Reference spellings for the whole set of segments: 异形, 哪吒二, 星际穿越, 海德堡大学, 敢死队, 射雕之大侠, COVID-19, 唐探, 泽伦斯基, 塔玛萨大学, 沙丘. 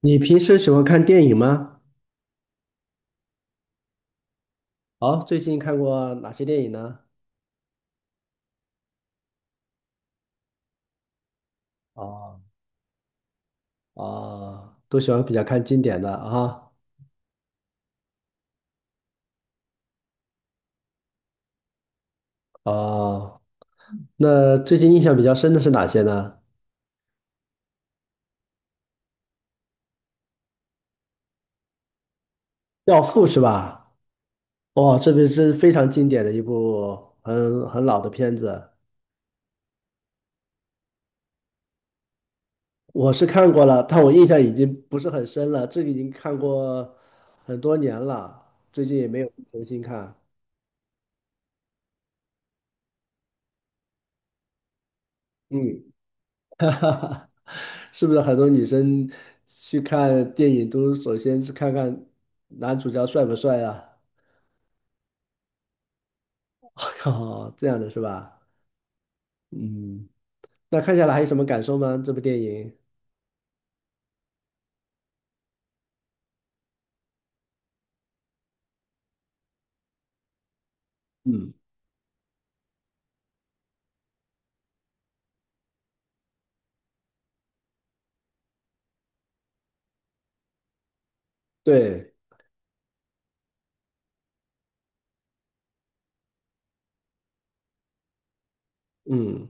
你平时喜欢看电影吗？哦，最近看过哪些电影呢？哦，哦，都喜欢比较看经典的啊。哦，那最近印象比较深的是哪些呢？《教父》是吧？哦，这个是非常经典的一部很老的片子，我是看过了，但我印象已经不是很深了，这个已经看过很多年了，最近也没有重新看。嗯，是不是很多女生去看电影都首先是看看男主角帅不帅啊？哦，这样的是吧？嗯，那看下来还有什么感受吗？这部电影？嗯，对，嗯。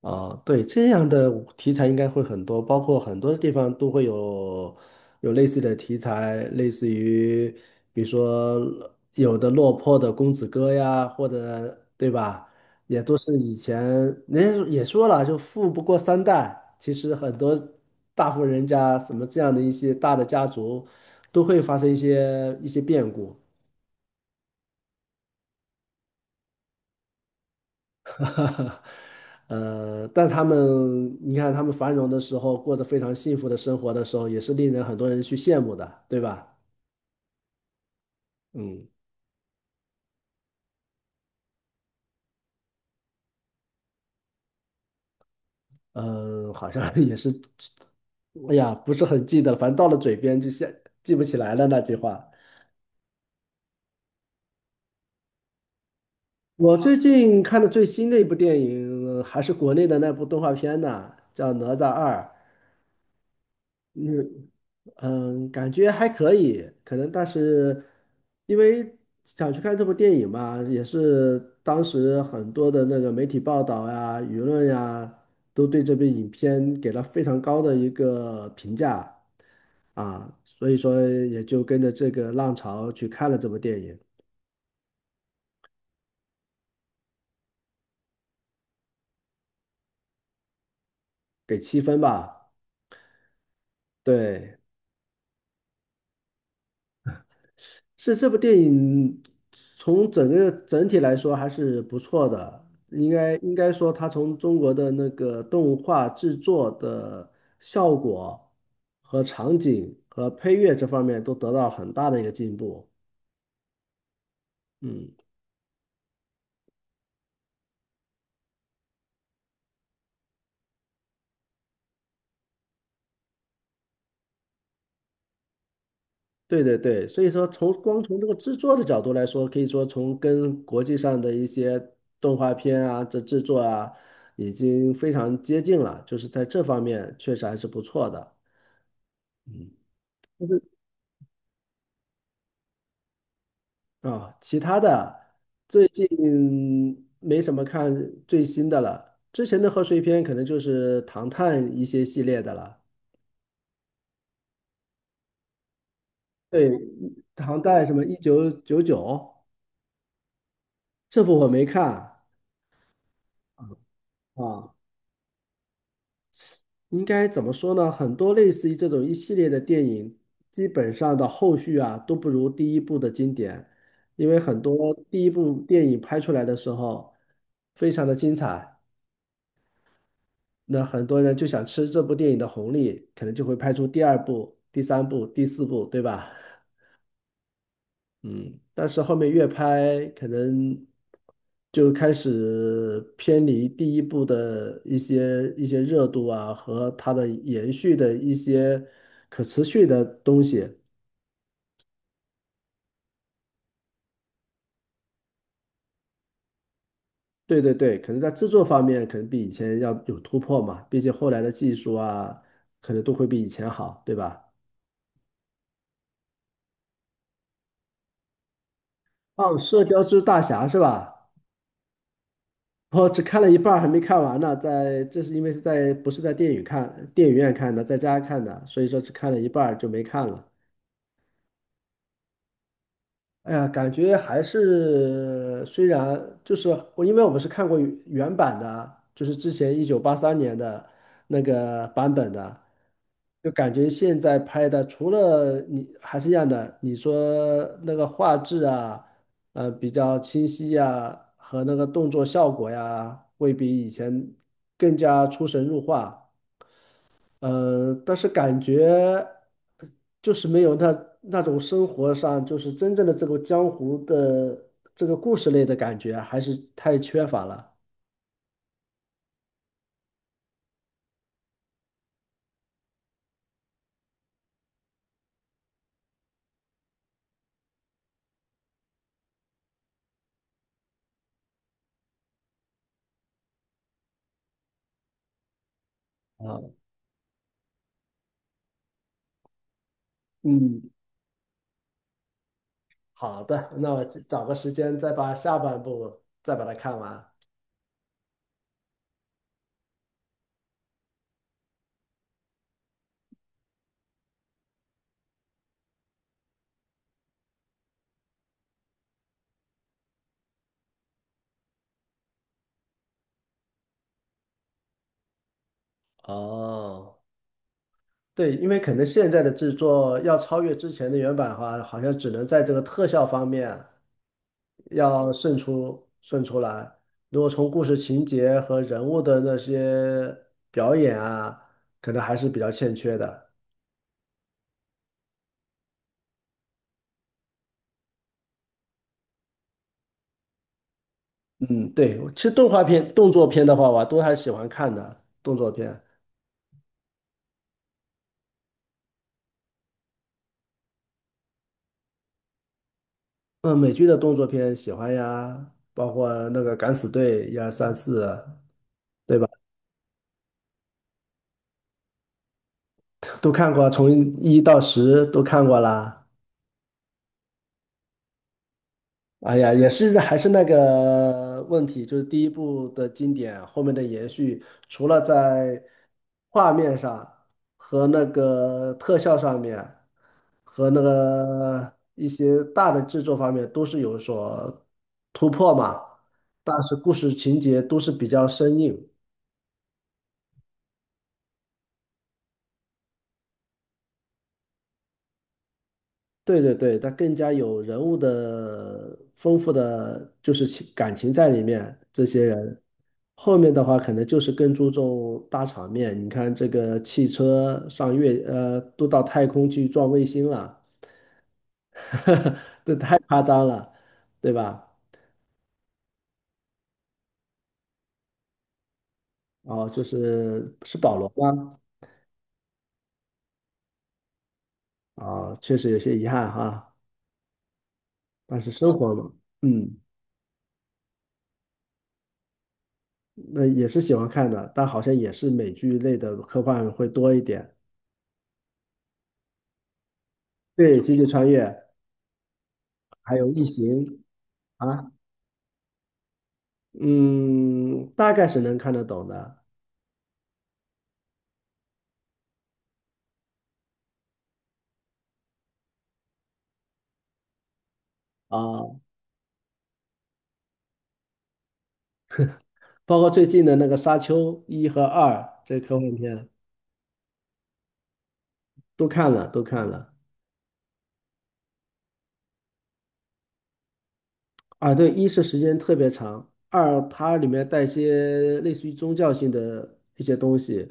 啊，对，这样的题材应该会很多，包括很多地方都会有类似的题材，类似于比如说有的落魄的公子哥呀，或者对吧，也都是以前人家也说了，就富不过三代，其实很多大户人家什么这样的一些大的家族都会发生一些变故。哈哈，但他们，你看他们繁荣的时候，过着非常幸福的生活的时候，也是令人很多人去羡慕的，对吧？嗯，好像 也是，哎呀，不是很记得了，反正到了嘴边就现记不起来了那句话。我最近看的最新的一部电影，还是国内的那部动画片呢，叫《哪吒二》。嗯。嗯，感觉还可以，可能但是因为想去看这部电影嘛，也是当时很多的那个媒体报道呀、舆论呀，都对这部影片给了非常高的一个评价啊，所以说也就跟着这个浪潮去看了这部电影，给七分吧。对，是这部电影从整个整体来说还是不错的，应该说它从中国的那个动画制作的效果和场景和配乐这方面都得到很大的一个进步。嗯，对对对，所以说从光从这个制作的角度来说，可以说从跟国际上的一些动画片啊，这制作啊，已经非常接近了，就是在这方面确实还是不错的。嗯。啊，其他的最近没什么看最新的了，之前的贺岁片可能就是唐探一些系列的了。对，唐代什么1999，这部我没看啊。应该怎么说呢？很多类似于这种一系列的电影，基本上的后续啊都不如第一部的经典，因为很多第一部电影拍出来的时候非常的精彩。那很多人就想吃这部电影的红利，可能就会拍出第二部、第三部、第四部，对吧？嗯，但是后面越拍，可能就开始偏离第一部的一些热度啊，和它的延续的一些可持续的东西。对对对，可能在制作方面，可能比以前要有突破嘛，毕竟后来的技术啊，可能都会比以前好，对吧？哦，《射雕之大侠》是吧？我只看了一半儿，还没看完呢。在，这是因为是在不是在电影看，电影院看的，在家看的，所以说只看了一半儿就没看了。哎呀，感觉还是虽然就是我，因为我们是看过版的，就是之前1983年的那个版本的，就感觉现在拍的除了你还是一样的，你说那个画质啊，比较清晰呀，和那个动作效果呀，会比以前更加出神入化。但是感觉就是没有那种生活上，就是真正的这个江湖的这个故事类的感觉，还是太缺乏了。啊，嗯，好的，那我找个时间再把下半部再把它看完。哦，对，因为可能现在的制作要超越之前的原版的话，好像只能在这个特效方面。要胜出来。如果从故事情节和人物的那些表演啊，可能还是比较欠缺的。嗯，对，其实动画片、动作片的话，我都还喜欢看的动作片。嗯，美剧的动作片喜欢呀，包括那个《敢死队》一二三四，对吧？都看过啊，从1到10都看过啦。哎呀，也是还是那个问题，就是第一部的经典，后面的延续，除了在画面上和那个特效上面，和那个一些大的制作方面都是有所突破嘛，但是故事情节都是比较生硬。对对对，它更加有人物的丰富的就是情感情在里面。这些人后面的话，可能就是更注重大场面。你看这个汽车上月，都到太空去撞卫星了，这太夸张了，对吧？哦，就是是保罗吗？啊，确实有些遗憾哈，但是生活嘛，嗯，那也是喜欢看的，但好像也是美剧类的科幻会多一点。对，星际穿越。还有异形啊嗯，大概是能看得懂的啊，包括最近的那个《沙丘》一和二这科幻片都看了，都看了啊。对，一是时间特别长，二它里面带一些类似于宗教性的一些东西，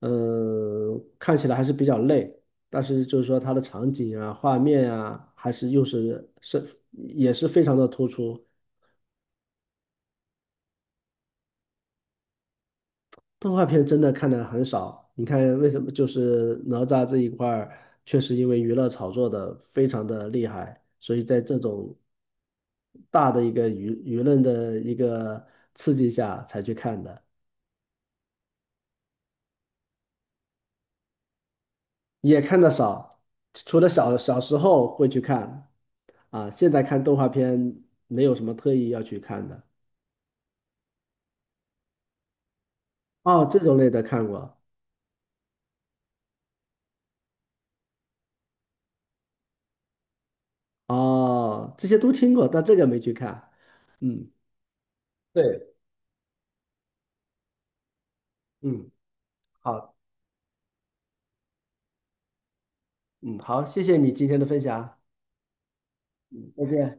嗯，看起来还是比较累，但是就是说它的场景啊、画面啊，还是又是是也是非常的突出。动画片真的看的很少，你看为什么？就是哪吒这一块儿，确实因为娱乐炒作的非常的厉害，所以在这种大的一个论的一个刺激下才去看的，也看的少。除了小时候会去看，啊，现在看动画片没有什么特意要去看的。哦，这种类的看过，哦，这些都听过，但这个没去看。嗯对，嗯，好。嗯，好，谢谢你今天的分享，再见。